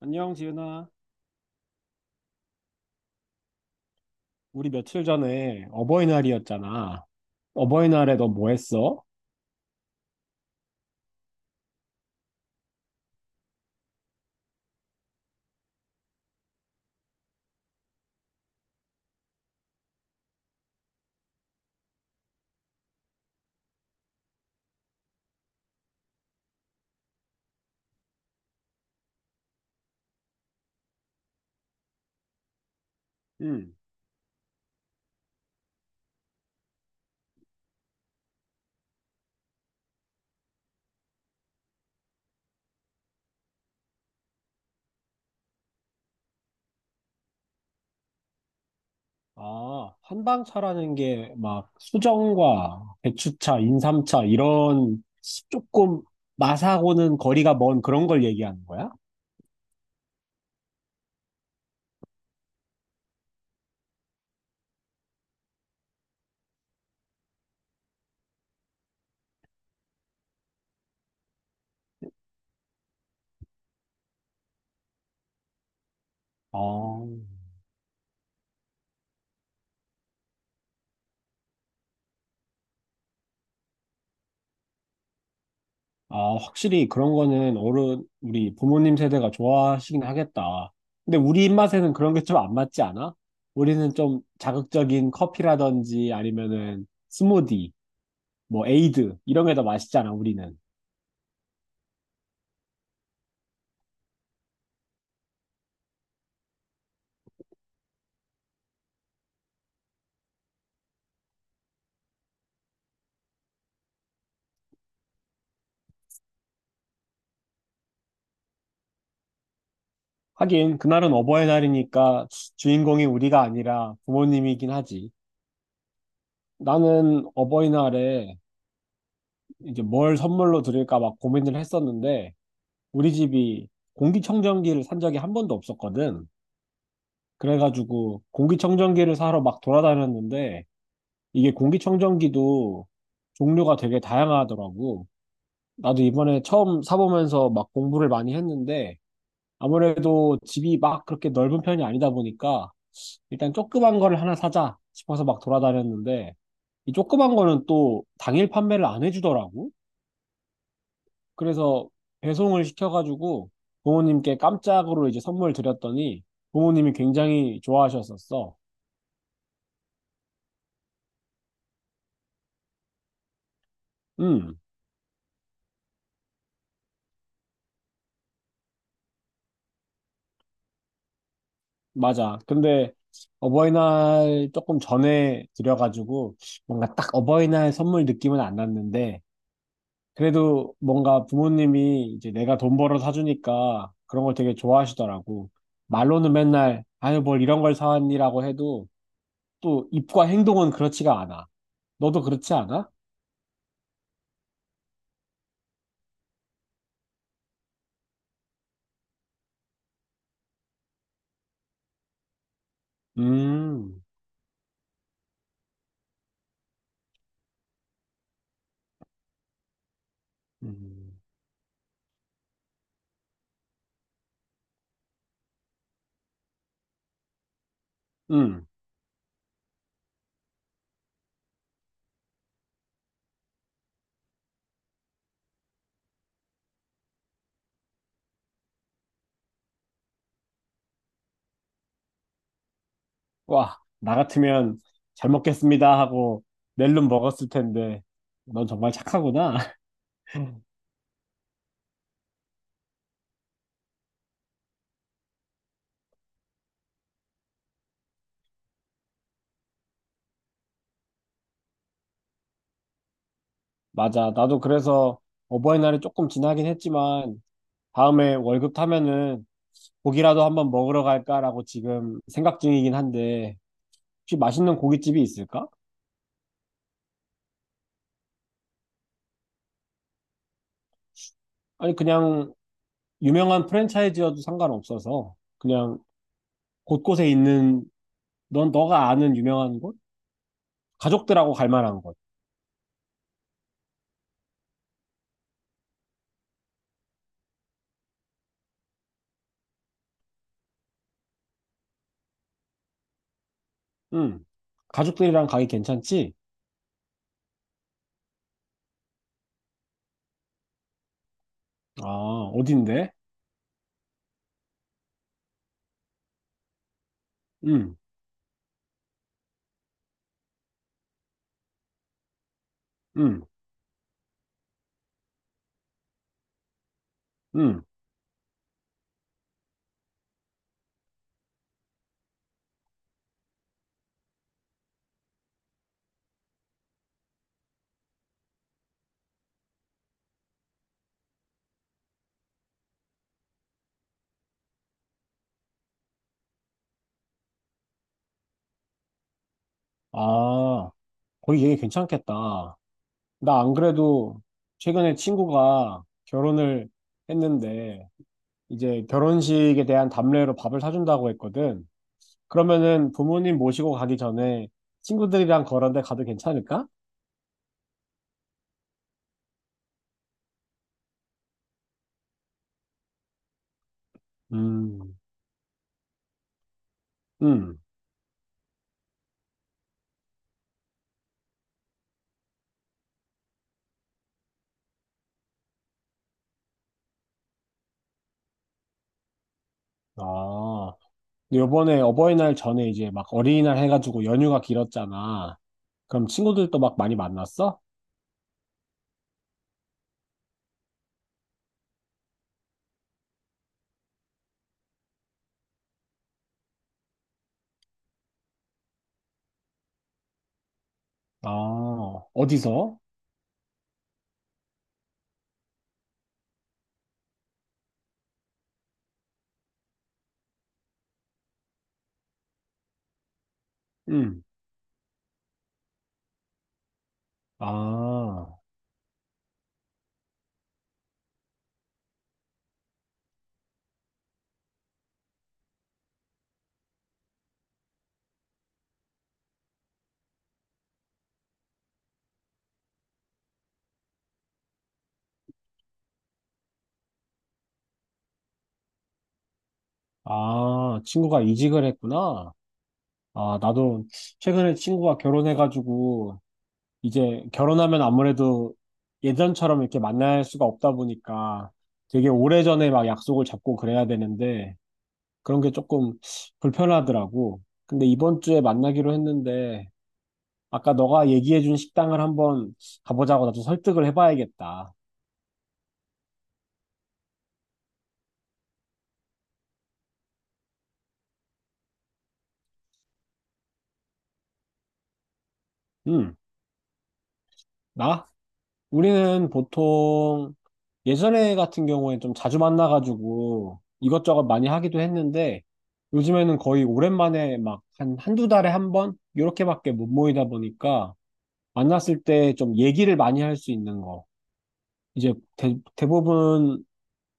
안녕, 지은아. 우리 며칠 전에 어버이날이었잖아. 어버이날에 너 뭐 했어? 응. 아, 한방차라는 게 막 수정과 배추차, 인삼차 이런 조금 맛하고는 거리가 먼 그런 걸 얘기하는 거야? 아, 아, 확실히 그런 거는 어른, 우리 부모님 세대가 좋아하시긴 하겠다. 근데 우리 입맛에는 그런 게 좀 안 맞지 않아? 우리는 좀 자극적인 커피라든지 아니면은 스무디, 뭐 에이드, 이런 게 더 맛있잖아, 우리는. 하긴, 그날은 어버이날이니까 주인공이 우리가 아니라 부모님이긴 하지. 나는 어버이날에 이제 뭘 선물로 드릴까 막 고민을 했었는데, 우리 집이 공기청정기를 산 적이 한 번도 없었거든. 그래가지고 공기청정기를 사러 막 돌아다녔는데 이게 공기청정기도 종류가 되게 다양하더라고. 나도 이번에 처음 사보면서 막 공부를 많이 했는데 아무래도 집이 막 그렇게 넓은 편이 아니다 보니까 일단 조그만 거를 하나 사자 싶어서 막 돌아다녔는데 이 조그만 거는 또 당일 판매를 안 해주더라고. 그래서 배송을 시켜가지고 부모님께 깜짝으로 이제 선물 드렸더니 부모님이 굉장히 좋아하셨었어. 음. 맞아. 근데 어버이날 조금 전에 드려가지고 뭔가 딱 어버이날 선물 느낌은 안 났는데 그래도 뭔가 부모님이 이제 내가 돈 벌어 사주니까 그런 걸 되게 좋아하시더라고. 말로는 맨날 아유 뭘 이런 걸 사왔니라고 해도 또 입과 행동은 그렇지가 않아. 너도 그렇지 않아? 음, 음, 음. 와, 나 같으면 잘 먹겠습니다 하고 낼름 먹었을 텐데 넌 정말 착하구나. 맞아. 나도 그래서 어버이날이 조금 지나긴 했지만 다음에 월급 타면은 고기라도 한번 먹으러 갈까라고 지금 생각 중이긴 한데 혹시 맛있는 고깃집이 있을까? 아니 그냥 유명한 프랜차이즈여도 상관없어서 그냥 곳곳에 있는 넌 너가 아는 유명한 곳? 가족들하고 갈 만한 곳. 응. 가족들이랑 가기 괜찮지? 아, 어딘데? 응, 응, 응. 아, 거기 얘기 괜찮겠다. 나 안 그래도 최근에 친구가 결혼을 했는데 이제 결혼식에 대한 답례로 밥을 사준다고 했거든. 그러면은 부모님 모시고 가기 전에 친구들이랑 그런 데 가도 괜찮을까? 음, 음. 아, 근데 요번에 어버이날 전에 이제 막 어린이날 해가지고 연휴가 길었잖아. 그럼 친구들도 막 많이 만났어? 아, 어디서? 음. 아, 아, 친구가 이직을 했구나. 아, 나도 최근에 친구가 결혼해가지고, 이제 결혼하면 아무래도 예전처럼 이렇게 만날 수가 없다 보니까 되게 오래전에 막 약속을 잡고 그래야 되는데, 그런 게 조금 불편하더라고. 근데 이번 주에 만나기로 했는데, 아까 너가 얘기해준 식당을 한번 가보자고 나도 설득을 해봐야겠다. 음, 나 우리는 보통 예전에 같은 경우에 좀 자주 만나가지고 이것저것 많이 하기도 했는데 요즘에는 거의 오랜만에 막 한 한두 달에 한 번? 이렇게밖에 못 모이다 보니까 만났을 때 좀 얘기를 많이 할 수 있는 거. 이제 대부분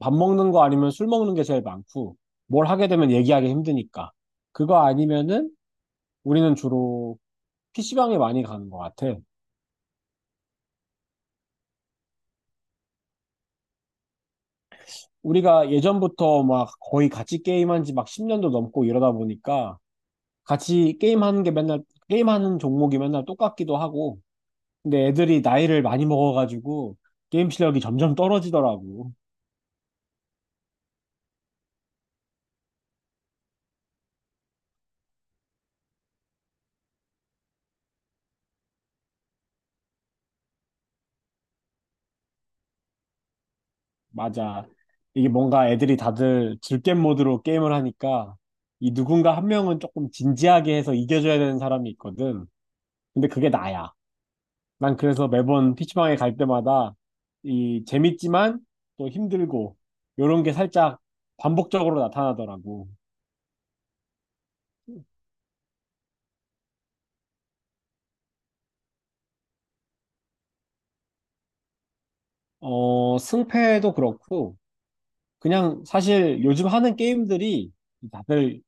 밥 먹는 거 아니면 술 먹는 게 제일 많고 뭘 하게 되면 얘기하기 힘드니까. 그거 아니면은 우리는 주로 PC방에 많이 가는 것 같아. 우리가 예전부터 막 거의 같이 게임한 지 막 10년도 넘고 이러다 보니까 같이 게임하는 게 맨날, 게임하는 종목이 맨날 똑같기도 하고. 근데 애들이 나이를 많이 먹어가지고 게임 실력이 점점 떨어지더라고. 맞아. 이게 뭔가 애들이 다들 즐겜 모드로 게임을 하니까 이 누군가 한 명은 조금 진지하게 해서 이겨줘야 되는 사람이 있거든. 근데 그게 나야. 난 그래서 매번 PC방에 갈 때마다 이 재밌지만 또 힘들고 요런 게 살짝 반복적으로 나타나더라고. 어, 승패도 그렇고 그냥 사실 요즘 하는 게임들이 다들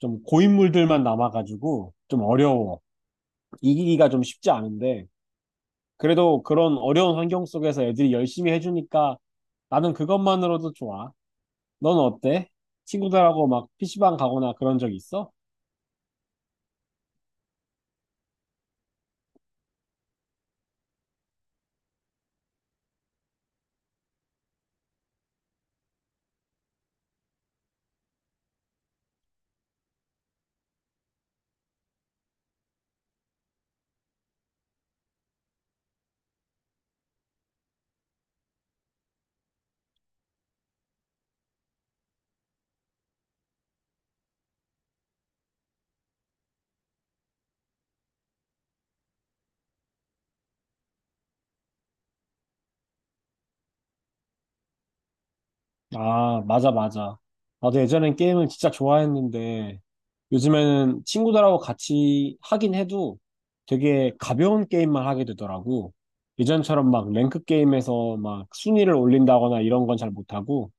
좀 고인물들만 남아가지고 좀 어려워. 이기기가 좀 쉽지 않은데 그래도 그런 어려운 환경 속에서 애들이 열심히 해주니까 나는 그것만으로도 좋아. 넌 어때? 친구들하고 막 PC방 가거나 그런 적 있어? 아, 맞아, 맞아. 나도 예전엔 게임을 진짜 좋아했는데, 요즘에는 친구들하고 같이 하긴 해도 되게 가벼운 게임만 하게 되더라고. 예전처럼 막 랭크 게임에서 막 순위를 올린다거나 이런 건 잘 못하고,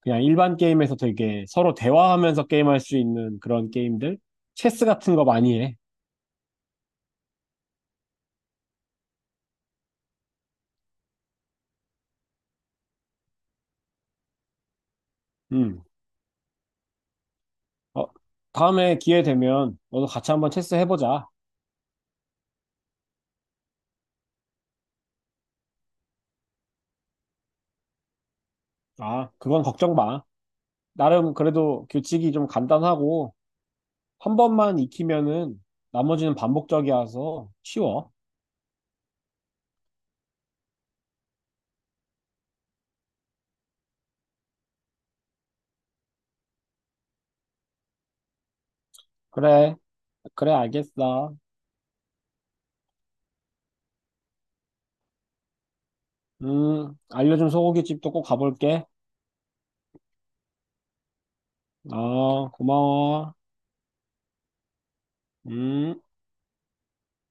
그냥 일반 게임에서 되게 서로 대화하면서 게임할 수 있는 그런 게임들? 체스 같은 거 많이 해. 음. 어, 다음에 기회 되면 너도 같이 한번 체스 해보자. 아, 그건 걱정 마. 나름 그래도 규칙이 좀 간단하고, 한 번만 익히면은 나머지는 반복적이어서 쉬워. 그래, 그래, 알겠어. 알려준 소고기집도 꼭 가볼게. 아, 고마워. 음.